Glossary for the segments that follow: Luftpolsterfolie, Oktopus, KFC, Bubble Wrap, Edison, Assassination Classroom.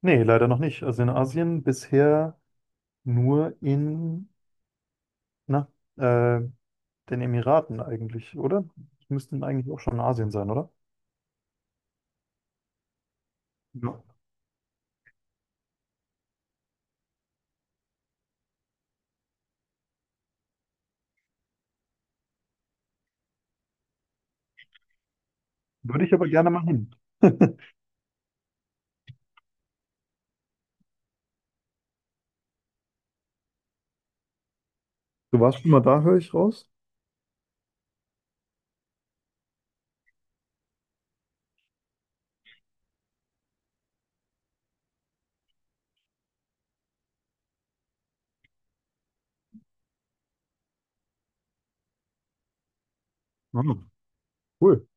Nee, leider noch nicht. Also in Asien bisher nur in na, äh, den Emiraten eigentlich, oder? Die müssten eigentlich auch schon in Asien sein, oder? Ja. Würde ich aber gerne mal hin. Du warst schon mal da, höre ich raus? Ah, cool.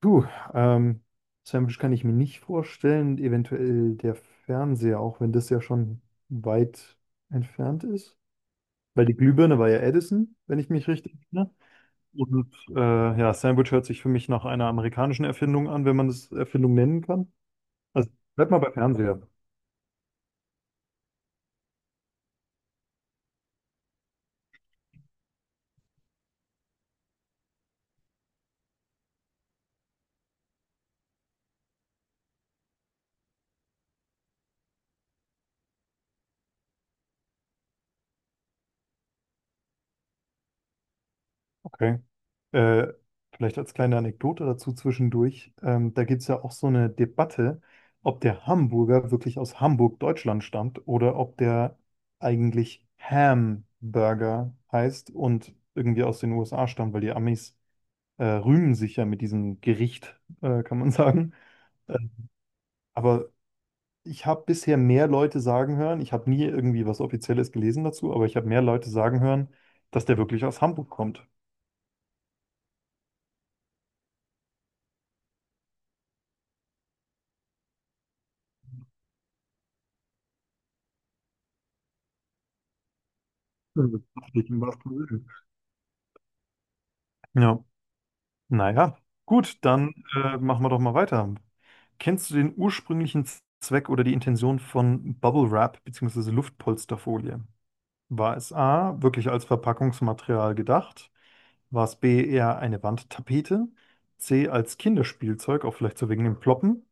Du, ähm, Sandwich kann ich mir nicht vorstellen, eventuell der Fernseher, auch wenn das ja schon weit entfernt ist. Weil die Glühbirne war ja Edison, wenn ich mich richtig erinnere. Und ja, Sandwich hört sich für mich nach einer amerikanischen Erfindung an, wenn man das Erfindung nennen kann. Also bleib mal bei Fernseher. Okay. Äh, Vielleicht als kleine Anekdote dazu zwischendurch. Da gibt es ja auch so eine Debatte, ob der Hamburger wirklich aus Hamburg, Deutschland stammt oder ob der eigentlich Hamburger heißt und irgendwie aus den USA stammt, weil die Amis rühmen sich ja mit diesem Gericht, kann man sagen. Äh, Aber ich habe bisher mehr Leute sagen hören, ich habe nie irgendwie was Offizielles gelesen dazu, aber ich habe mehr Leute sagen hören, dass der wirklich aus Hamburg kommt. Also, das liegt im wahrsten Sinne. Ja, naja, gut, dann machen wir doch mal weiter. Kennst du den ursprünglichen Zweck oder die Intention von Bubble Wrap bzw. Luftpolsterfolie? War es A, wirklich als Verpackungsmaterial gedacht? War es B, eher eine Wandtapete? C, als Kinderspielzeug, auch vielleicht so wegen dem Ploppen?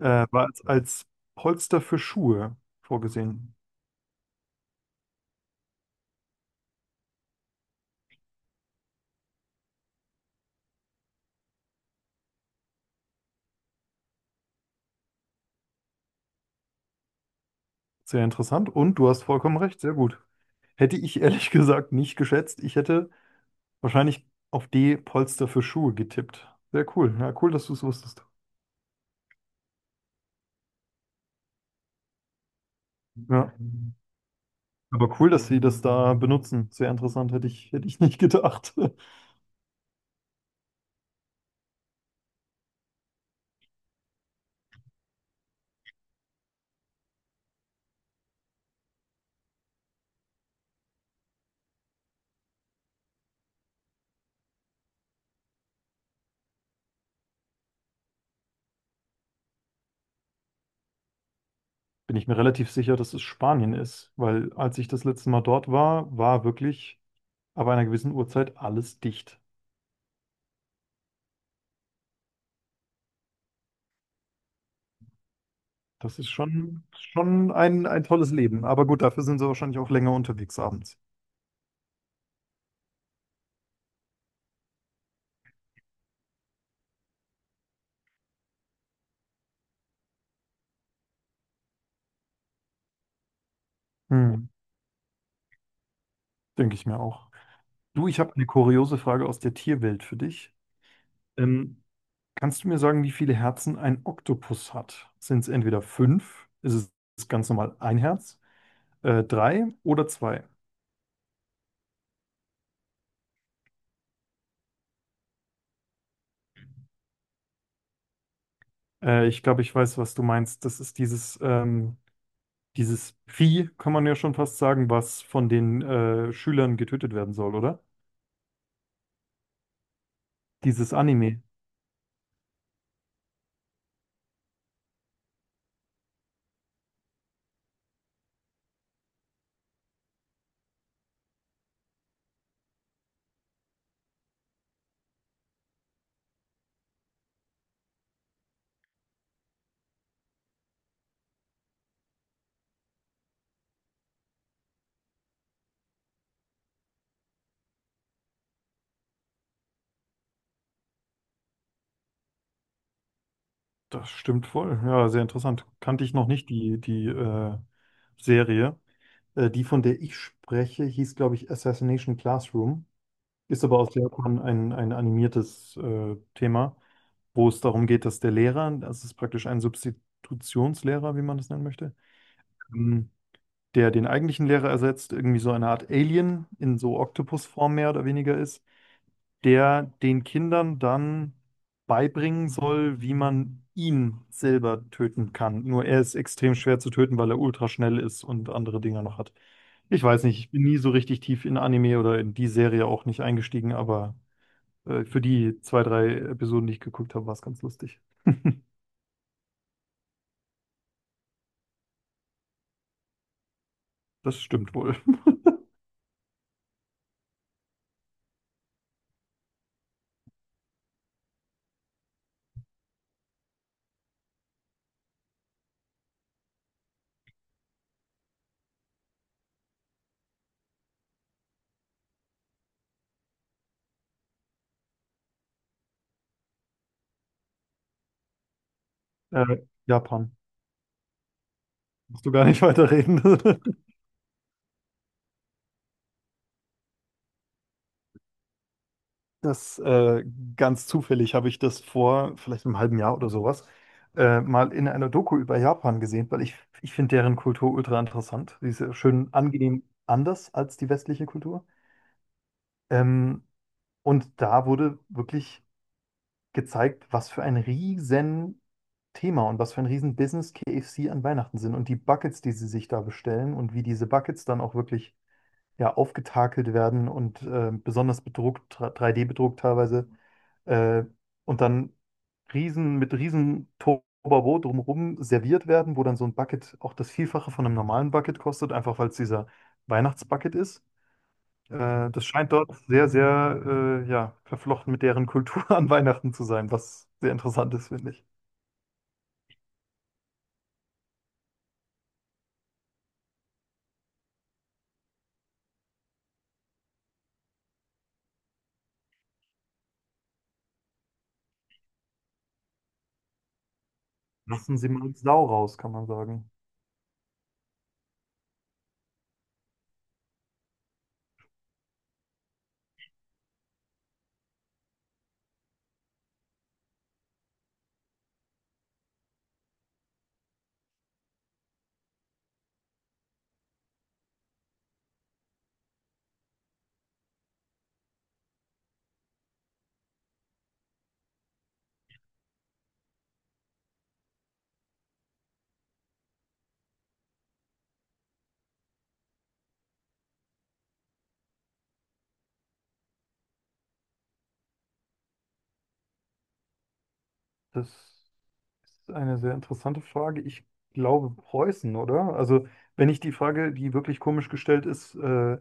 War als Polster für Schuhe vorgesehen. Sehr interessant und du hast vollkommen recht, sehr gut. Hätte ich ehrlich gesagt nicht geschätzt. Ich hätte wahrscheinlich auf D Polster für Schuhe getippt. Sehr cool. Ja, cool, dass du es wusstest. Ja. Aber cool, dass sie das da benutzen. Sehr interessant, hätte ich nicht gedacht. Bin ich mir relativ sicher, dass es Spanien ist, weil als ich das letzte Mal dort war, war wirklich ab einer gewissen Uhrzeit alles dicht. Das ist schon, schon ein tolles Leben. Aber gut, dafür sind sie wahrscheinlich auch länger unterwegs abends. Hm, denke ich mir auch. Du, ich habe eine kuriose Frage aus der Tierwelt für dich. Ähm, Kannst du mir sagen, wie viele Herzen ein Oktopus hat? Sind es entweder fünf, ist es ganz normal ein Herz, drei oder zwei? Ich glaube, ich weiß, was du meinst. Das ist dieses Vieh, kann man ja schon fast sagen, was von den Schülern getötet werden soll, oder? Dieses Anime. Das stimmt wohl. Ja, sehr interessant. Kannte ich noch nicht die Serie. Die, von der ich spreche, hieß, glaube ich, Assassination Classroom. Ist aber aus Japan ein animiertes Thema, wo es darum geht, dass der Lehrer, das ist praktisch ein Substitutionslehrer, wie man das nennen möchte, ähm, der den eigentlichen Lehrer ersetzt, irgendwie so eine Art Alien in so Oktopusform mehr oder weniger ist, der den Kindern dann beibringen soll, wie man ihn selber töten kann. Nur er ist extrem schwer zu töten, weil er ultra schnell ist und andere Dinger noch hat. Ich weiß nicht, ich bin nie so richtig tief in Anime oder in die Serie auch nicht eingestiegen, aber für die zwei, drei Episoden, die ich geguckt habe, war es ganz lustig. Das stimmt wohl. Japan. Musst du gar nicht weiterreden. Das ganz zufällig habe ich das vor vielleicht einem halben Jahr oder sowas mal in einer Doku über Japan gesehen, ich finde deren Kultur ultra interessant. Die ist ja schön angenehm anders als die westliche Kultur. Ähm, und da wurde wirklich gezeigt, was für ein riesen Thema und was für ein riesen Business KFC an Weihnachten sind und die Buckets, die sie sich da bestellen und wie diese Buckets dann auch wirklich, ja, aufgetakelt werden und besonders bedruckt, 3D-bedruckt teilweise. Äh, und dann riesen, mit riesen Tobabo drumherum serviert werden, wo dann so ein Bucket auch das Vielfache von einem normalen Bucket kostet, einfach weil es dieser Weihnachtsbucket ist. Das scheint dort sehr, sehr ja, verflochten mit deren Kultur an Weihnachten zu sein, was sehr interessant ist, finde ich. Lassen Sie mal Sau raus, kann man sagen. Das ist eine sehr interessante Frage. Ich glaube Preußen, oder? Also, wenn ich die Frage, die wirklich komisch gestellt ist,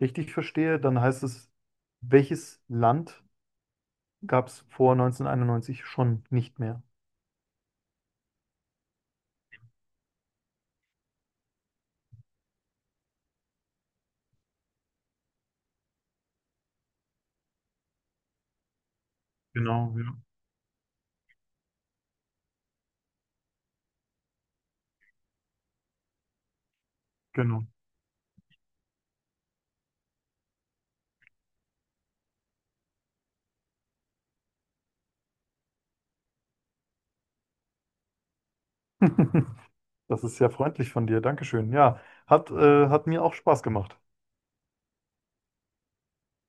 richtig verstehe, dann heißt es, welches Land gab es vor 1991 schon nicht mehr? Genau, ja, genau. Das ist sehr freundlich von dir. Dankeschön. Ja, hat mir auch Spaß gemacht.